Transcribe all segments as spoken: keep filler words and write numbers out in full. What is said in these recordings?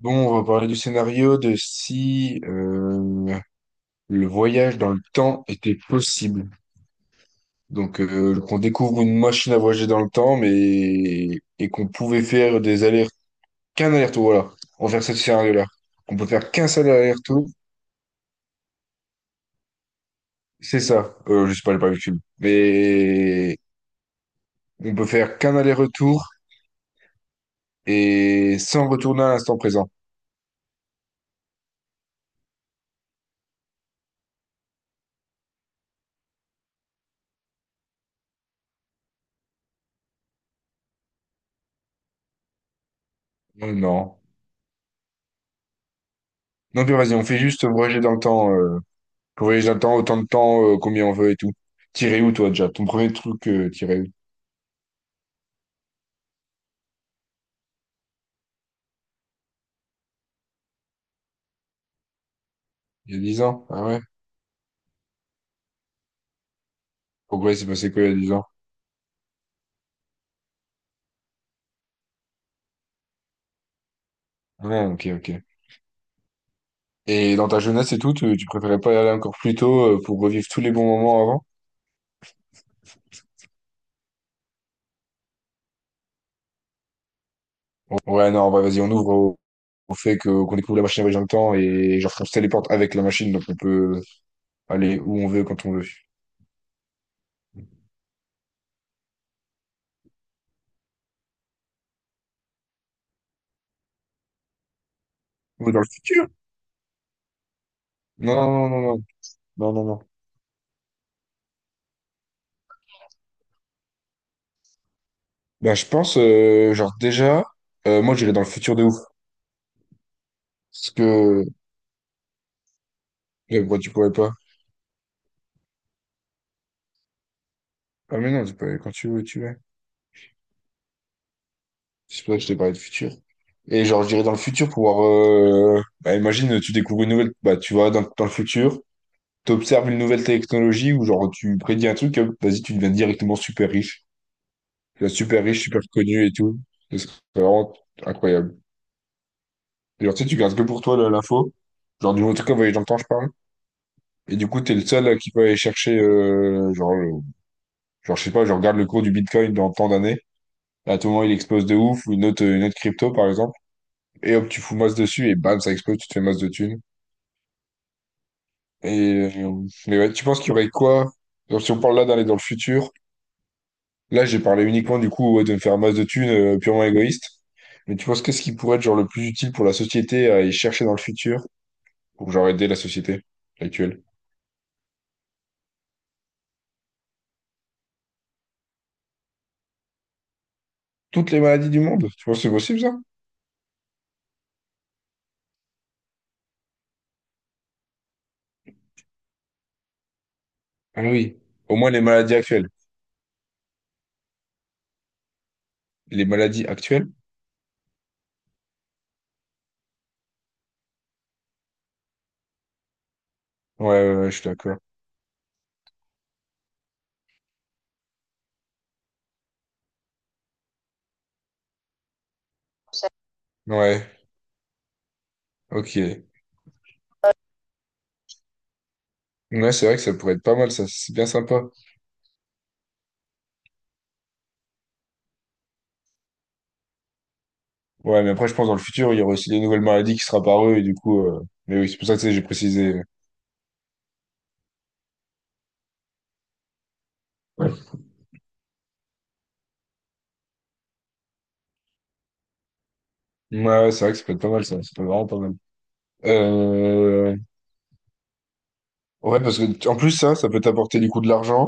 Bon, on va parler du scénario de si euh, le voyage dans le temps était possible. Donc, euh, qu'on découvre une machine à voyager dans le temps, mais et qu'on pouvait faire des allers qu'un aller-retour. Voilà, on va faire ce scénario-là. On peut faire qu'un seul aller-retour. C'est ça. Euh, je sais pas, j'ai pas vu le film. Mais on peut faire qu'un aller-retour et sans retourner à l'instant présent. Non, non. Non, puis vas-y, on fait juste voyager dans le temps. Euh, voyage dans le temps, autant de temps, euh, combien on veut et tout. Tiré où, toi, déjà? Ton premier truc, euh, tiré où? Il y a dix ans? Ah ouais? Pourquoi il s'est passé quoi il y a dix ans? Ah, ok, ok. Et dans ta jeunesse et tout, tu, tu préférais pas y aller encore plus tôt euh, pour revivre tous les bons moments avant? Ouais, non, bah, vas-y, on ouvre au, au fait que, qu'on découvre la machine à voyager dans le temps et genre qu'on se téléporte avec la machine, donc on peut aller où on veut, quand on veut. Ou dans le futur? Non, non, non, non, non, non, non. Ben je pense, euh, genre déjà, euh, moi j'irais dans le futur de ouf. Parce que, Ouais, pourquoi tu pourrais pas? Ah mais non, tu peux aller quand tu veux, tu veux. C'est pour ça que je t'ai parlé de futur. Et genre, je dirais dans le futur, pouvoir, euh, bah, imagine, tu découvres une nouvelle. Bah, tu vas dans, dans le futur, t'observes une nouvelle technologie ou genre, tu prédis un truc, hop, vas-y, tu deviens directement super riche. Tu deviens super riche, super connu et tout. Ce serait vraiment incroyable. Et genre, tu sais, tu gardes que pour toi là, l'info. Genre, du en tout cas, voyage dans le temps, je parle. Et du coup, t'es le seul euh, qui peut aller chercher, euh, genre, le- genre, je sais pas, je regarde le cours du Bitcoin dans tant d'années. À tout moment, il explose de ouf. Ou Une autre, une autre crypto, par exemple. Et hop, tu fous masse dessus et bam, ça explose, tu te fais masse de thunes. Et, euh, mais ouais, tu penses qu'il y aurait quoi? Genre, si on parle là d'aller dans le futur, là j'ai parlé uniquement du coup ouais, de me faire masse de thunes euh, purement égoïste. Mais tu penses qu'est-ce qui pourrait être genre le plus utile pour la société à aller chercher dans le futur pour genre aider la société actuelle? Toutes les maladies du monde, tu penses que c'est possible ça? Ah oui. Au moins les maladies actuelles. Les maladies actuelles? Ouais, ouais, ouais, je suis d'accord. Ouais, ok. Ouais, c'est vrai que ça pourrait être pas mal, ça, c'est bien sympa. Ouais, mais après, je pense dans le futur, il y aura aussi des nouvelles maladies qui seront apparues, et du coup, euh, mais oui, c'est pour ça que tu sais, j'ai précisé. Ouais, ouais, c'est vrai que ça peut être pas mal, ça, ça peut être vraiment pas mal. Euh... Ouais, parce que, en plus, ça, ça peut t'apporter du coup de l'argent,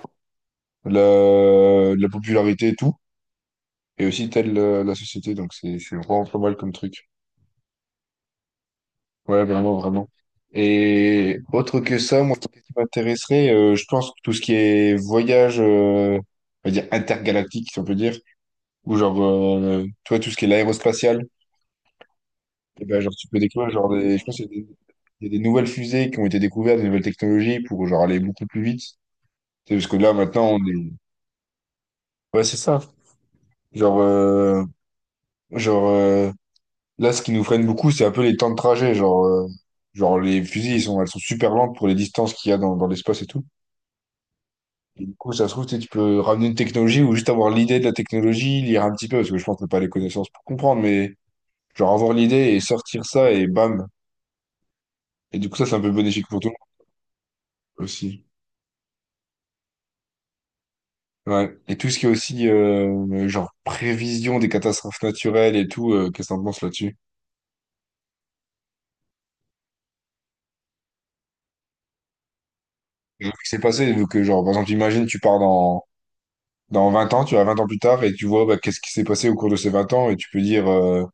de la... de la popularité et tout, et aussi t'aides la... la société, donc c'est c'est vraiment pas mal comme truc. Ouais, vraiment, vraiment. Et autre que ça, moi, ce qui m'intéresserait, euh, je pense que tout ce qui est voyage, euh, on va dire intergalactique, si on peut dire, ou genre, euh, tu vois, tout ce qui est l'aérospatial. Et ben, genre, tu peux découvrir, genre, des, je pense qu'il y a des, il y a des nouvelles fusées qui ont été découvertes, des nouvelles technologies pour, genre, aller beaucoup plus vite. Tu sais, parce que là, maintenant, on est. Ouais, c'est ça. Genre, euh, genre euh, là, ce qui nous freine beaucoup, c'est un peu les temps de trajet. Genre, euh, genre les fusées, ils sont, elles sont super lentes pour les distances qu'il y a dans, dans l'espace et tout. Et du coup, ça se trouve, tu sais, tu peux ramener une technologie ou juste avoir l'idée de la technologie, lire un petit peu, parce que je pense que t'as pas les connaissances pour comprendre, mais genre avoir l'idée et sortir ça et bam. Et du coup, ça, c'est un peu bénéfique pour tout le monde aussi. Ouais. Et tout ce qui est aussi euh, genre prévision des catastrophes naturelles et tout, euh, qu'est-ce que t'en penses là-dessus? Et ce qui s'est passé, vu que genre par exemple, imagine tu pars dans, dans vingt ans, tu vas vingt ans plus tard et tu vois bah, qu'est-ce qui s'est passé au cours de ces vingt ans et tu peux dire euh,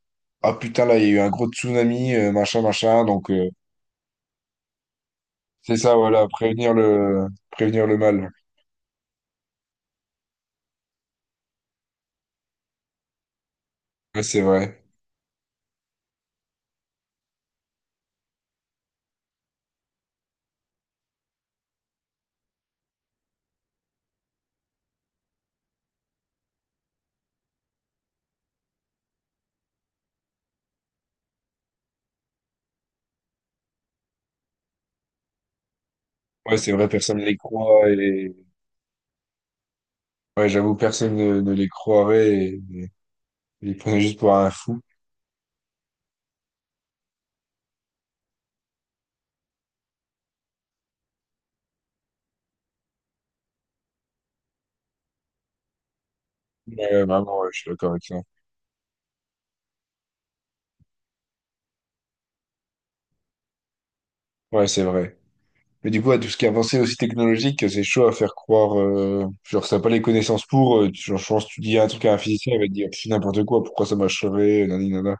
ah putain là il y a eu un gros tsunami, euh, machin, machin, donc euh, c'est ça voilà, prévenir le prévenir le mal. Ouais, c'est vrai. Ouais, c'est vrai, personne ne les croit et ouais, j'avoue, personne ne, ne les croirait et ils prenaient juste pour un fou. Ouais, vraiment, ouais, je suis d'accord avec ça. Ouais, c'est vrai. Mais du coup, à tout ce qui est avancé aussi technologique, c'est chaud à faire croire. Euh, genre, ça n'a pas les connaissances pour. Euh, tu- genre, je pense que tu dis un truc à un physicien, il va te dire pff, n'importe quoi, pourquoi ça marcherait, nani, nana.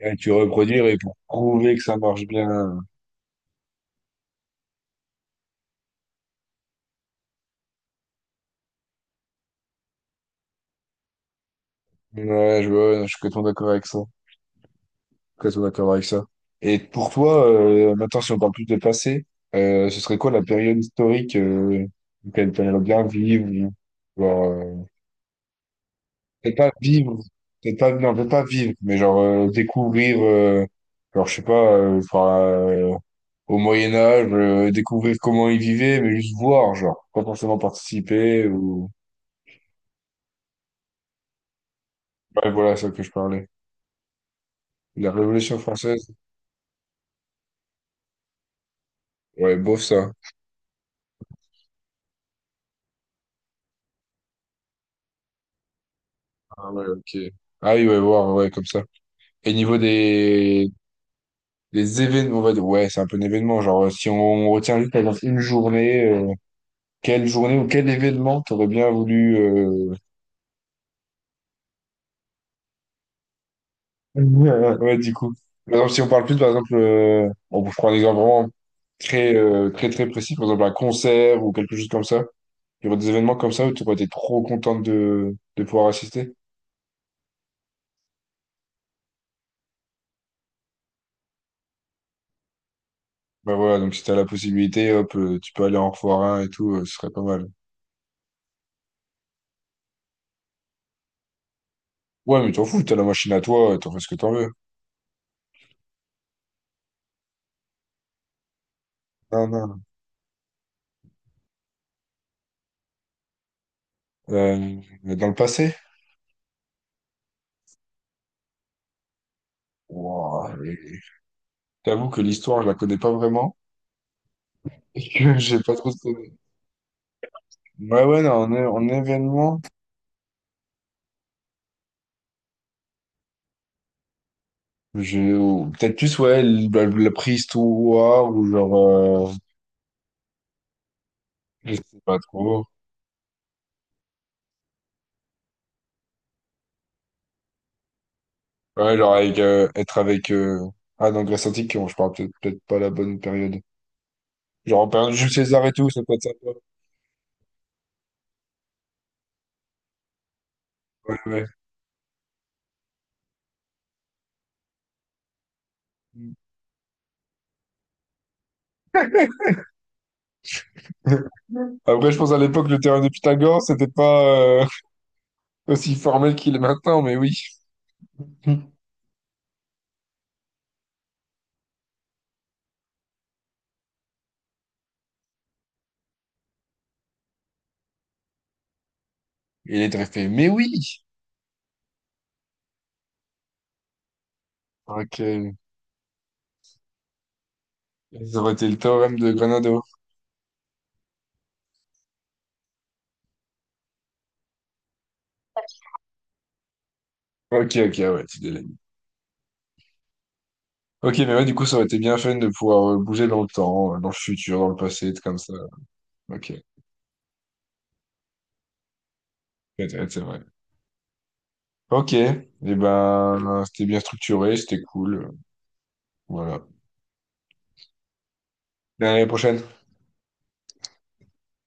Et tu reproduire et pour prouver que ça marche bien. Ouais, je, vois, je suis complètement d'accord avec ça. Complètement d'accord avec ça. Et pour toi, euh, maintenant, si on parle plus de passé, euh, ce serait quoi la période historique, euh, auquel tu aimerais bien vivre. Peut-être pas vivre, peut-être pas, non, peut-être pas vivre, mais genre euh, découvrir, euh, genre je sais pas, euh, enfin, euh, au Moyen Âge, euh, découvrir comment ils vivaient, mais juste voir, genre, pas forcément participer ou. Ouais, voilà, c'est ça que je parlais. La Révolution française, ouais, bof ça. Ah ouais, ok. Ah oui, ouais, voir, ouais, comme ça. Et niveau des des événements, on va dire, ouais, c'est un peu un événement, genre euh, si on retient juste par exemple, une journée, euh, quelle journée ou quel événement t'aurais bien voulu euh, Ouais, ouais, du coup. Par exemple, si on parle plus, par exemple, euh, bon, je prends un exemple vraiment très, euh, très, très précis, par exemple, un concert ou quelque chose comme ça. Il y aurait des événements comme ça où tu aurais été trop contente de, de pouvoir assister. Bah voilà, donc si t'as la possibilité, hop, euh, tu peux aller en revoir un et tout, euh, ce serait pas mal. Ouais, mais t'en fous, t'as la machine à toi, euh, t'en fais ce que t'en veux. Non, non. Euh, Dans le passé? Ouah, et- que l'histoire, je la connais pas vraiment et que j'ai pas trop... de- Ouais, ouais, non, en, é- en événement. Je, ou peut-être plus, ouais, la, la préhistoire, ou genre, euh, je sais pas trop. Ouais, genre avec, euh, être avec, euh, ah non, Grèce antique, non, je parle peut-être peut-être pas la bonne période. Genre en période de Jules César et tout, ça peut être sympa. Ouais. Après, je pense à l'époque, le théorème de Pythagore, c'était pas, euh, aussi formel qu'il est maintenant, mais oui. Il est très fait, mais oui! Ok. Ça aurait été le théorème de Granado. Ok, ok, ouais, tu délais. Ok, mais ouais, du coup, ça aurait été bien fun de pouvoir euh, bouger dans le temps, euh, dans le futur, dans le passé, être comme ça. Ok, ouais, ouais, c'est vrai. Ok, et ben, c'était bien structuré, c'était cool. Voilà. À la prochaine.